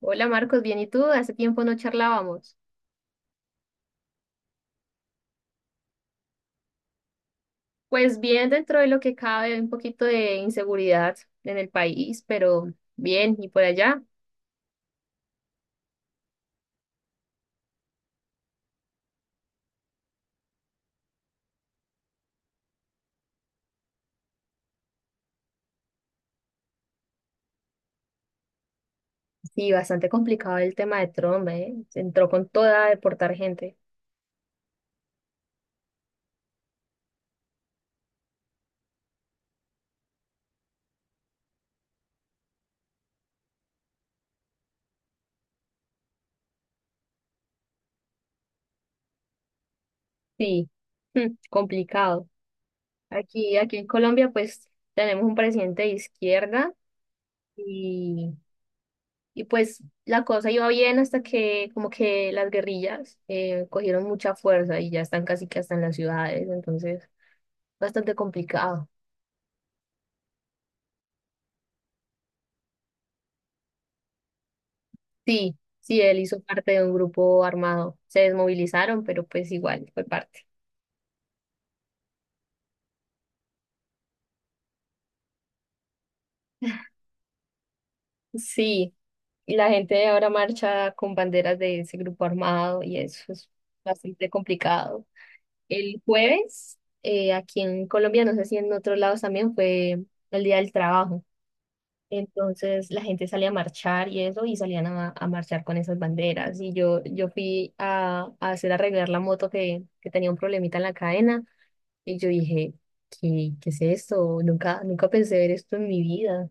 Hola Marcos, bien, ¿y tú? Hace tiempo no charlábamos. Pues bien, dentro de lo que cabe, hay un poquito de inseguridad en el país, pero bien, ¿y por allá? Sí, bastante complicado el tema de Trump, ¿eh? Se entró con toda a deportar gente. Sí, mm, complicado. Aquí, en Colombia, pues tenemos un presidente de izquierda y, y pues la cosa iba bien hasta que como que las guerrillas cogieron mucha fuerza y ya están casi que hasta en las ciudades, entonces bastante complicado. Sí, sí, él hizo parte de un grupo armado. Se desmovilizaron, pero pues igual fue parte. Sí, y la gente ahora marcha con banderas de ese grupo armado y eso es bastante complicado. El jueves, aquí en Colombia, no sé si en otros lados también, fue el Día del Trabajo. Entonces la gente salía a marchar y eso, y salían a marchar con esas banderas. Y yo fui a hacer arreglar la moto que tenía un problemita en la cadena. Y yo dije, ¿qué es esto? Nunca, nunca pensé ver esto en mi vida.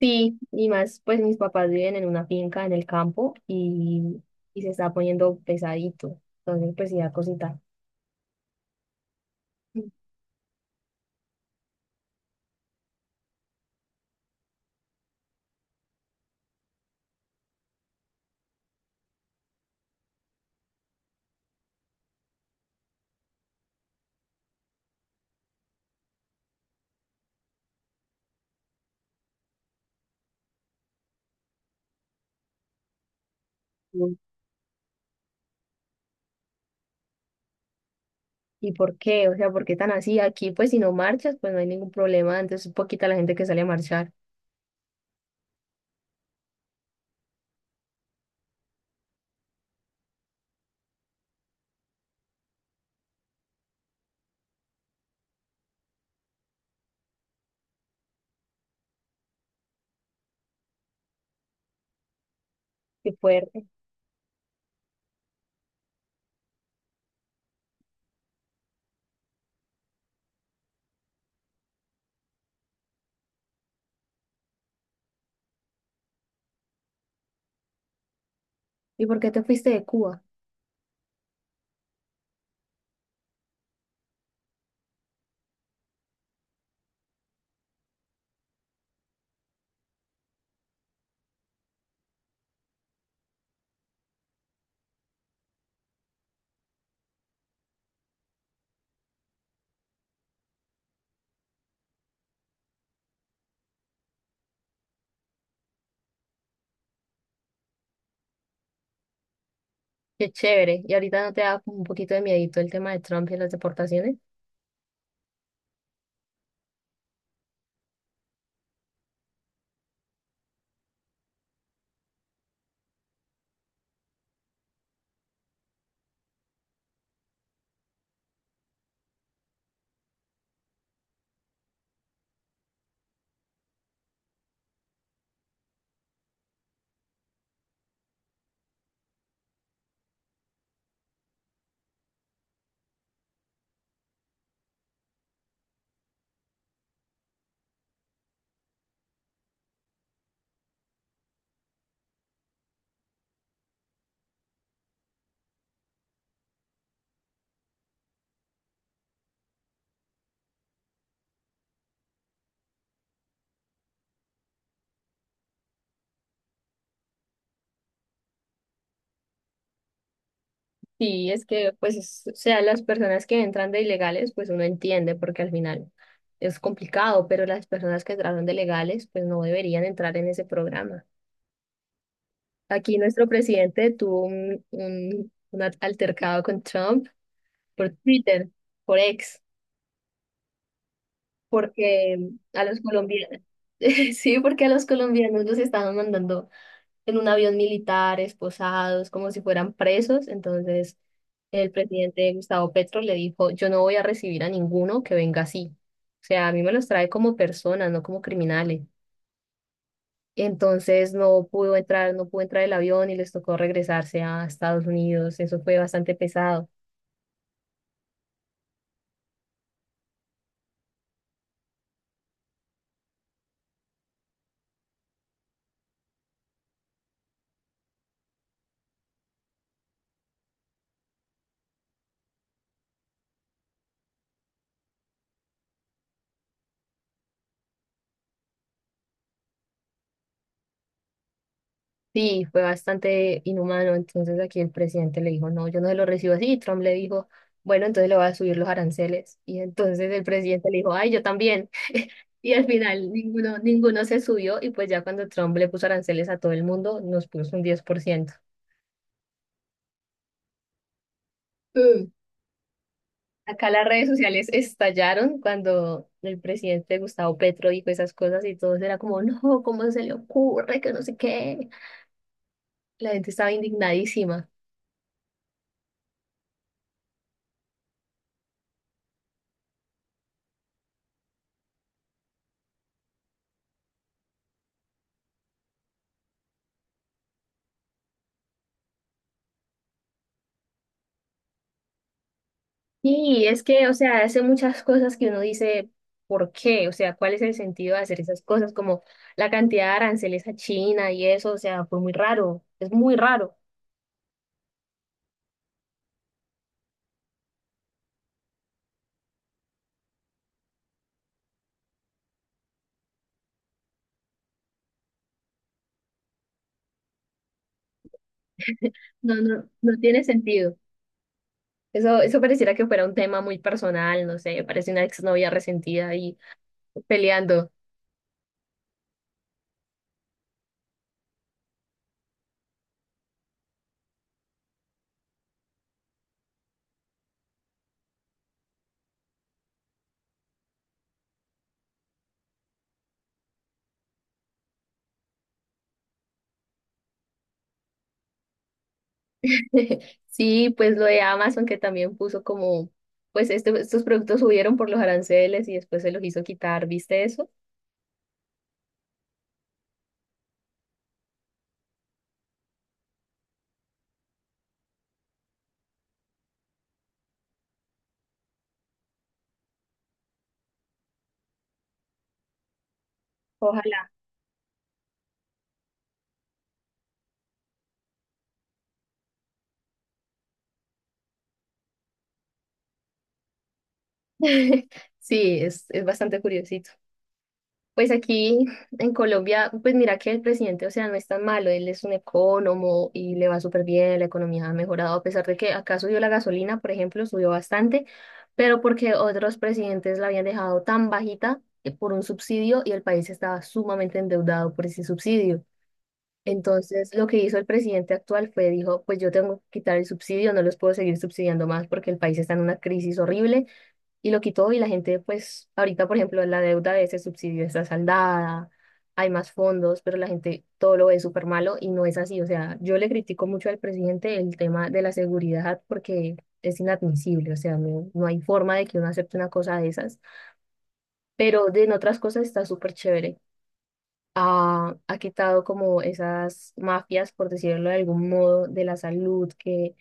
Sí, y más, pues mis papás viven en una finca en el campo y se está poniendo pesadito. Entonces, pues sí da cosita. Ujú. ¿Y por qué? O sea, ¿por qué tan así? Aquí, pues si no marchas, pues no hay ningún problema. Entonces, es poquita la gente que sale a marchar. Qué fuerte. ¿Y por qué te fuiste de Cuba? Qué chévere. ¿Y ahorita no te da como un poquito de miedito el tema de Trump y las deportaciones? Sí, es que, pues, es- o sea, las personas que entran de ilegales, pues uno entiende porque al final es complicado, pero las personas que entraron de legales, pues no deberían entrar en ese programa. Aquí nuestro presidente tuvo un altercado con Trump por Twitter, por ex, porque a los colombianos, sí, porque a los colombianos los estaban mandando en un avión militar, esposados, como si fueran presos. Entonces, el presidente Gustavo Petro le dijo, yo no voy a recibir a ninguno que venga así. O sea, a mí me los trae como personas, no como criminales. Entonces no pudo entrar, no pudo entrar el avión y les tocó regresarse a Estados Unidos. Eso fue bastante pesado. Sí, fue bastante inhumano. Entonces aquí el presidente le dijo, no, yo no se lo recibo así. Y Trump le dijo, bueno, entonces le voy a subir los aranceles. Y entonces el presidente le dijo, ay, yo también. Y al final ninguno, ninguno se subió y pues ya cuando Trump le puso aranceles a todo el mundo, nos puso un 10%. Mm. Acá las redes sociales estallaron cuando el presidente Gustavo Petro dijo esas cosas y todos era como, no, ¿cómo se le ocurre? Que no sé qué. La gente estaba indignadísima. Sí, es que, o sea, hace muchas cosas que uno dice, ¿por qué? O sea, ¿cuál es el sentido de hacer esas cosas? Como la cantidad de aranceles a China y eso, o sea, fue muy raro, es muy raro. No, no, no tiene sentido. Eso pareciera que fuera un tema muy personal, no sé, parece una exnovia resentida ahí peleando. Sí, pues lo de Amazon que también puso como, pues este- estos productos subieron por los aranceles y después se los hizo quitar, ¿viste eso? Ojalá. Sí, es bastante curiosito. Pues aquí en Colombia, pues mira que el presidente, o sea, no es tan malo, él es un economo y le va súper bien, la economía ha mejorado, a pesar de que acá subió la gasolina, por ejemplo, subió bastante, pero porque otros presidentes la habían dejado tan bajita por un subsidio y el país estaba sumamente endeudado por ese subsidio. Entonces, lo que hizo el presidente actual fue, dijo, pues yo tengo que quitar el subsidio, no los puedo seguir subsidiando más porque el país está en una crisis horrible y lo quitó y la gente, pues, ahorita, por ejemplo, la deuda de ese subsidio está saldada, hay más fondos, pero la gente todo lo ve súper malo y no es así. O sea, yo le critico mucho al presidente el tema de la seguridad porque es inadmisible, o sea, no, no hay forma de que uno acepte una cosa de esas, pero de en otras cosas está súper chévere. Ha quitado como esas mafias, por decirlo de algún modo, de la salud que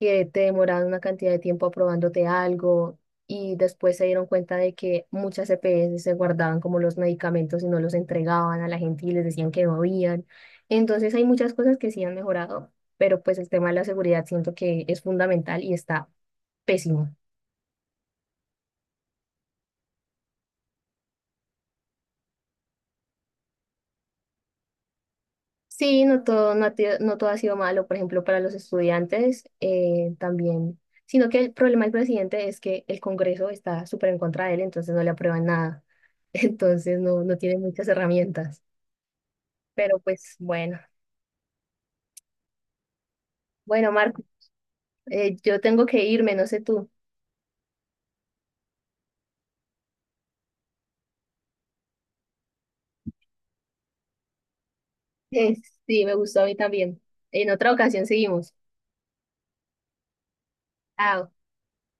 que te demoraron una cantidad de tiempo aprobándote algo y después se dieron cuenta de que muchas EPS se guardaban como los medicamentos y no los entregaban a la gente y les decían que no habían. Entonces hay muchas cosas que sí han mejorado, pero pues el tema de la seguridad siento que es fundamental y está pésimo. Sí, no todo, no, ha te- no todo ha sido malo, por ejemplo, para los estudiantes también, sino que el problema del presidente es que el Congreso está súper en contra de él, entonces no le aprueban nada, entonces no, no tiene muchas herramientas, pero pues bueno, bueno, Marco, yo tengo que irme, no sé tú. Sí, me gustó a mí también. En otra ocasión seguimos. Chao.